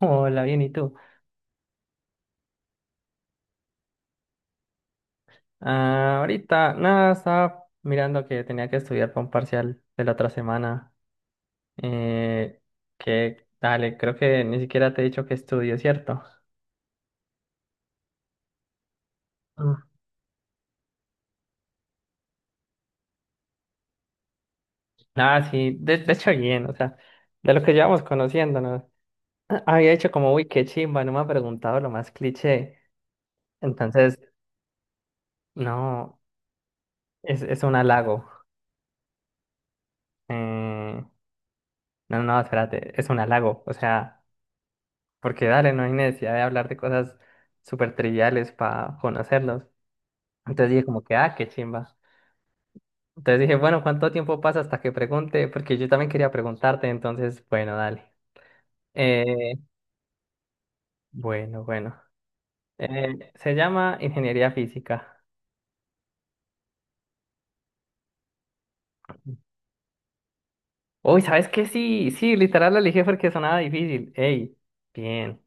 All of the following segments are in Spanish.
Hola, bien, ¿y tú? Ah, ahorita, nada, estaba mirando que tenía que estudiar para un parcial de la otra semana. Eh, dale, creo que ni siquiera te he dicho que estudio, ¿cierto? Mm. Nada, sí, de hecho, bien, o sea, de lo que llevamos conociéndonos. Ah, había hecho como, uy, qué chimba, no me ha preguntado lo más cliché. Entonces, no, es un halago. Eh, no, no, espérate, es un halago, o sea. Porque dale, no hay necesidad de hablar de cosas súper triviales para conocerlos. Entonces dije como que, ah, qué chimba. Entonces dije, bueno, ¿cuánto tiempo pasa hasta que pregunte? Porque yo también quería preguntarte, entonces, bueno, dale. Eh, bueno, bueno. Se llama ingeniería física. Uy, ¿sabes qué? Sí, sí, literal lo elegí porque sonaba difícil. Ey, bien,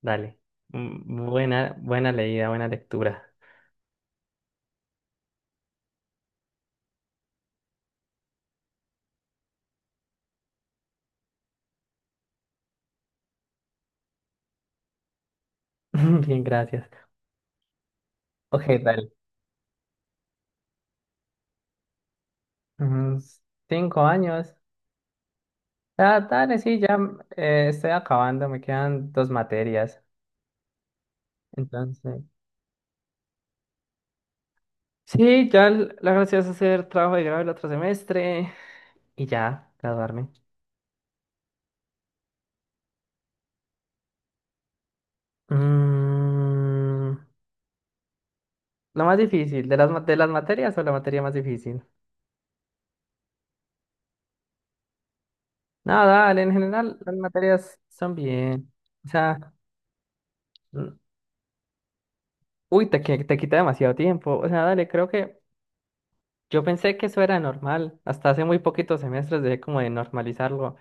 dale. Mm, buena, buena leída, buena lectura. Bien, gracias. Ok, dale. Unos cinco años. Ah, dale, sí, ya estoy acabando, me quedan dos materias. Entonces, sí, ya la gracia es hacer trabajo de grado el otro semestre y ya, graduarme. Mm, lo más difícil, ¿de las, de las materias o la materia más difícil? No, dale, en general las materias son bien. O sea, mm, uy, te quita demasiado tiempo. O sea, dale, creo que yo pensé que eso era normal. Hasta hace muy poquitos semestres dejé como de normalizarlo.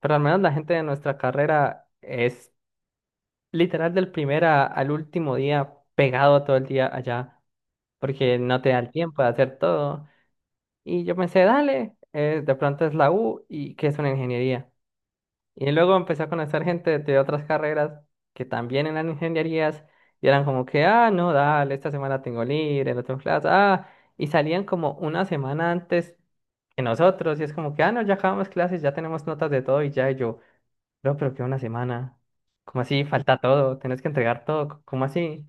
Pero al menos la gente de nuestra carrera es literal del primer al último día pegado todo el día allá, porque no te da el tiempo de hacer todo. Y yo pensé, dale, de pronto es la U y que es una ingeniería. Y luego empecé a conocer gente de otras carreras que también eran ingenierías y eran como que, ah, no, dale, esta semana tengo libre, no tengo clase, ah, y salían como una semana antes que nosotros y es como que, ah, no, ya acabamos clases, ya tenemos notas de todo y ya y yo. No, pero que una semana. ¿Cómo así? Falta todo. Tenés que entregar todo. ¿Cómo así?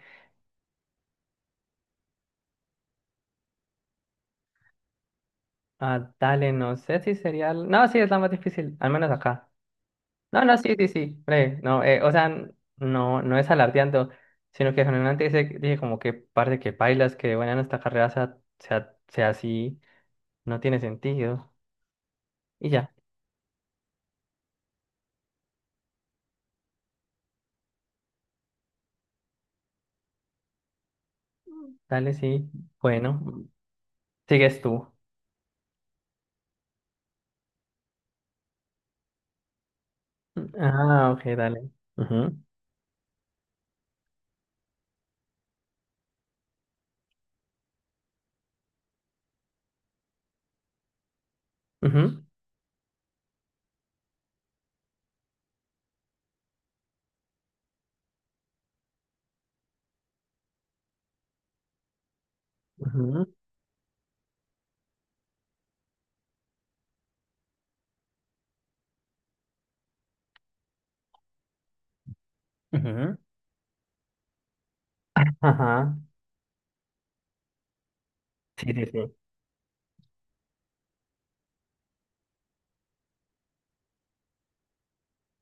Ah, dale, no sé si sería. No, sí, es la más difícil, al menos acá. No, no, sí, sí, sí. Bre, no, o sea, no, no es alardeando, sino que generalmente dice, dije como que parte que bailas, que bueno, nuestra carrera sea así, no tiene sentido. Y ya, dale, sí. Bueno, sigues tú. Ah, ok, dale. Ujú, ujú, ujú, ujú. Ajá. Sí, sí, sí.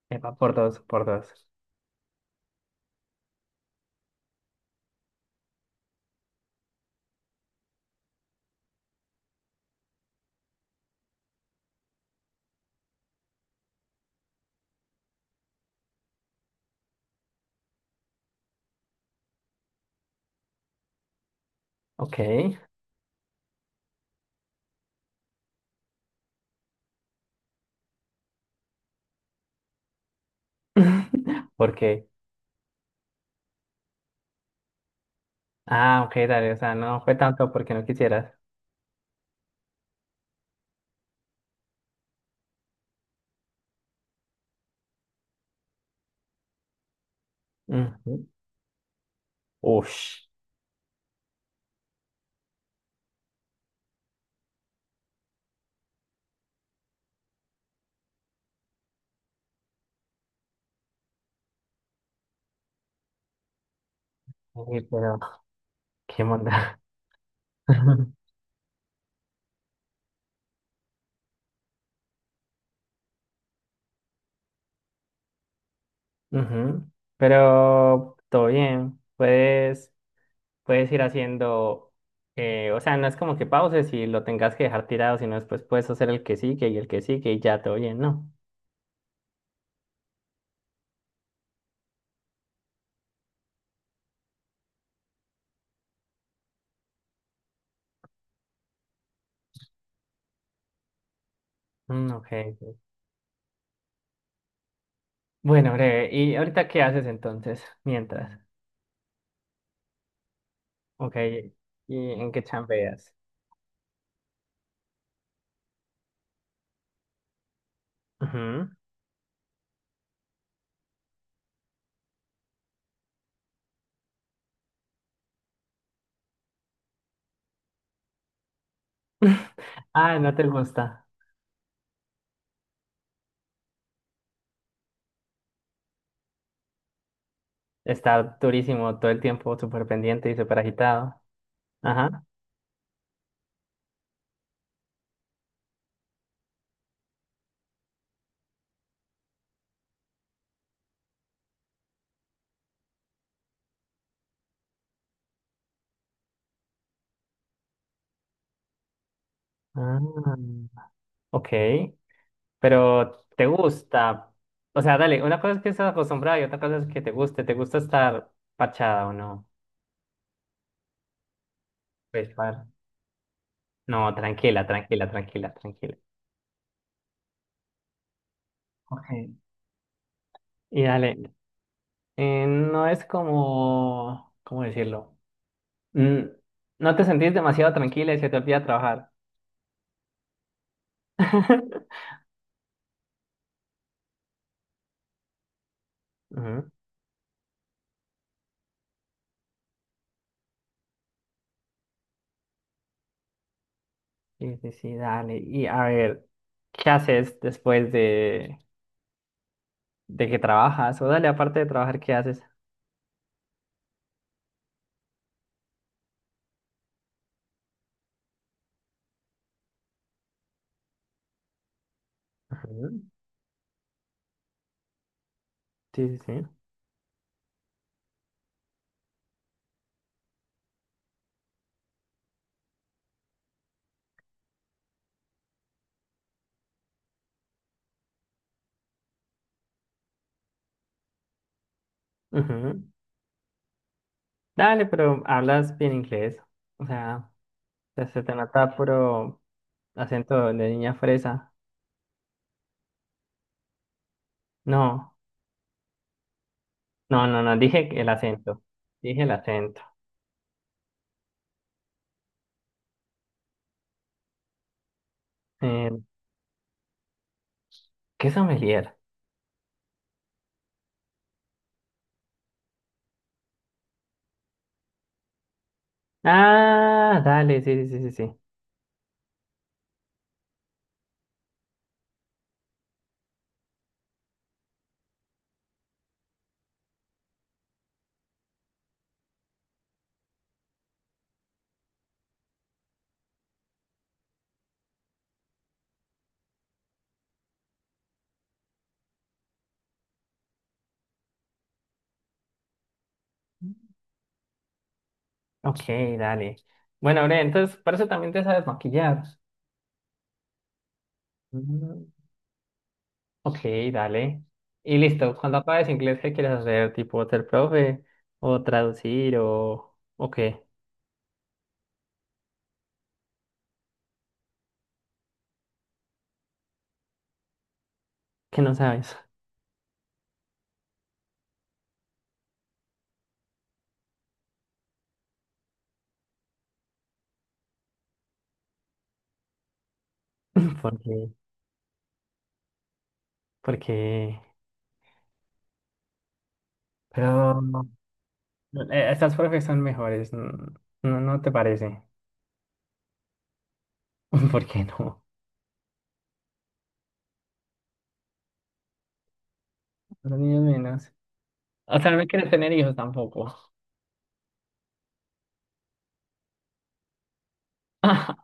Epa, por dos, por dos. Ok. ¿Por qué? Ah, ok, dale. O sea, no fue tanto porque no quisieras. Ujú. Ush. Uy, pero qué monda. Ujú. Pero todo bien. Puedes ir haciendo. Eh, o sea, no es como que pauses y lo tengas que dejar tirado, sino después puedes hacer el que sigue y el que sigue y ya todo bien, ¿no? Mm, ok. Bueno, breve. ¿Y ahorita qué haces entonces? Mientras. Ok. ¿Y en qué chambeas? Ujú. Ah, no te gusta estar durísimo todo el tiempo, súper pendiente y súper agitado. Ajá. Ah, ok, pero te gusta. O sea, dale, una cosa es que estás acostumbrada y otra cosa es que te guste. ¿Te gusta estar parchada o no? Pues, par- No, tranquila, tranquila, tranquila, tranquila. Ok. Y dale, no es como, ¿cómo decirlo? Mm, no te sentís demasiado tranquila y se te olvida trabajar. Ujú. Sí, sí, sí, dale. Y a ver, ¿qué haces después de, que trabajas? O dale, aparte de trabajar, ¿qué haces? Ajá. Sí, sí, sí. Ujú. Dale, pero hablas bien inglés. O sea, se te nota puro acento de niña fresa. No, no, no, no, dije el acento. Dije el acento. Eh, ¿Qué sommelier? Ah, dale, sí, sí, sí, sí, sí. Ok, dale. Bueno, Bre, entonces, por eso también te sabes maquillar. Ok, dale. Y listo, cuando aprendes inglés, ¿qué quieres hacer? ¿Tipo ser profe? ¿O traducir? O qué? ¿Qué no sabes? Porque, porque, pero estas profes son mejores, ¿no, no no te parece? ¿Por qué no? Los niños menos. O sea, no me quieres tener hijos tampoco.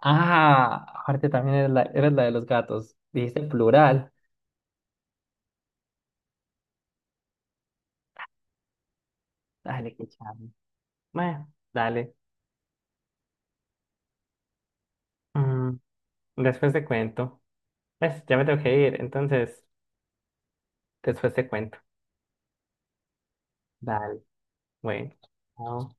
Ah, aparte también eres la de los gatos. Dijiste plural. Dale, qué charme. Bueno, dale. Mm, después te cuento. Pues ya me tengo que ir, entonces después te cuento. Dale, bueno. Chao.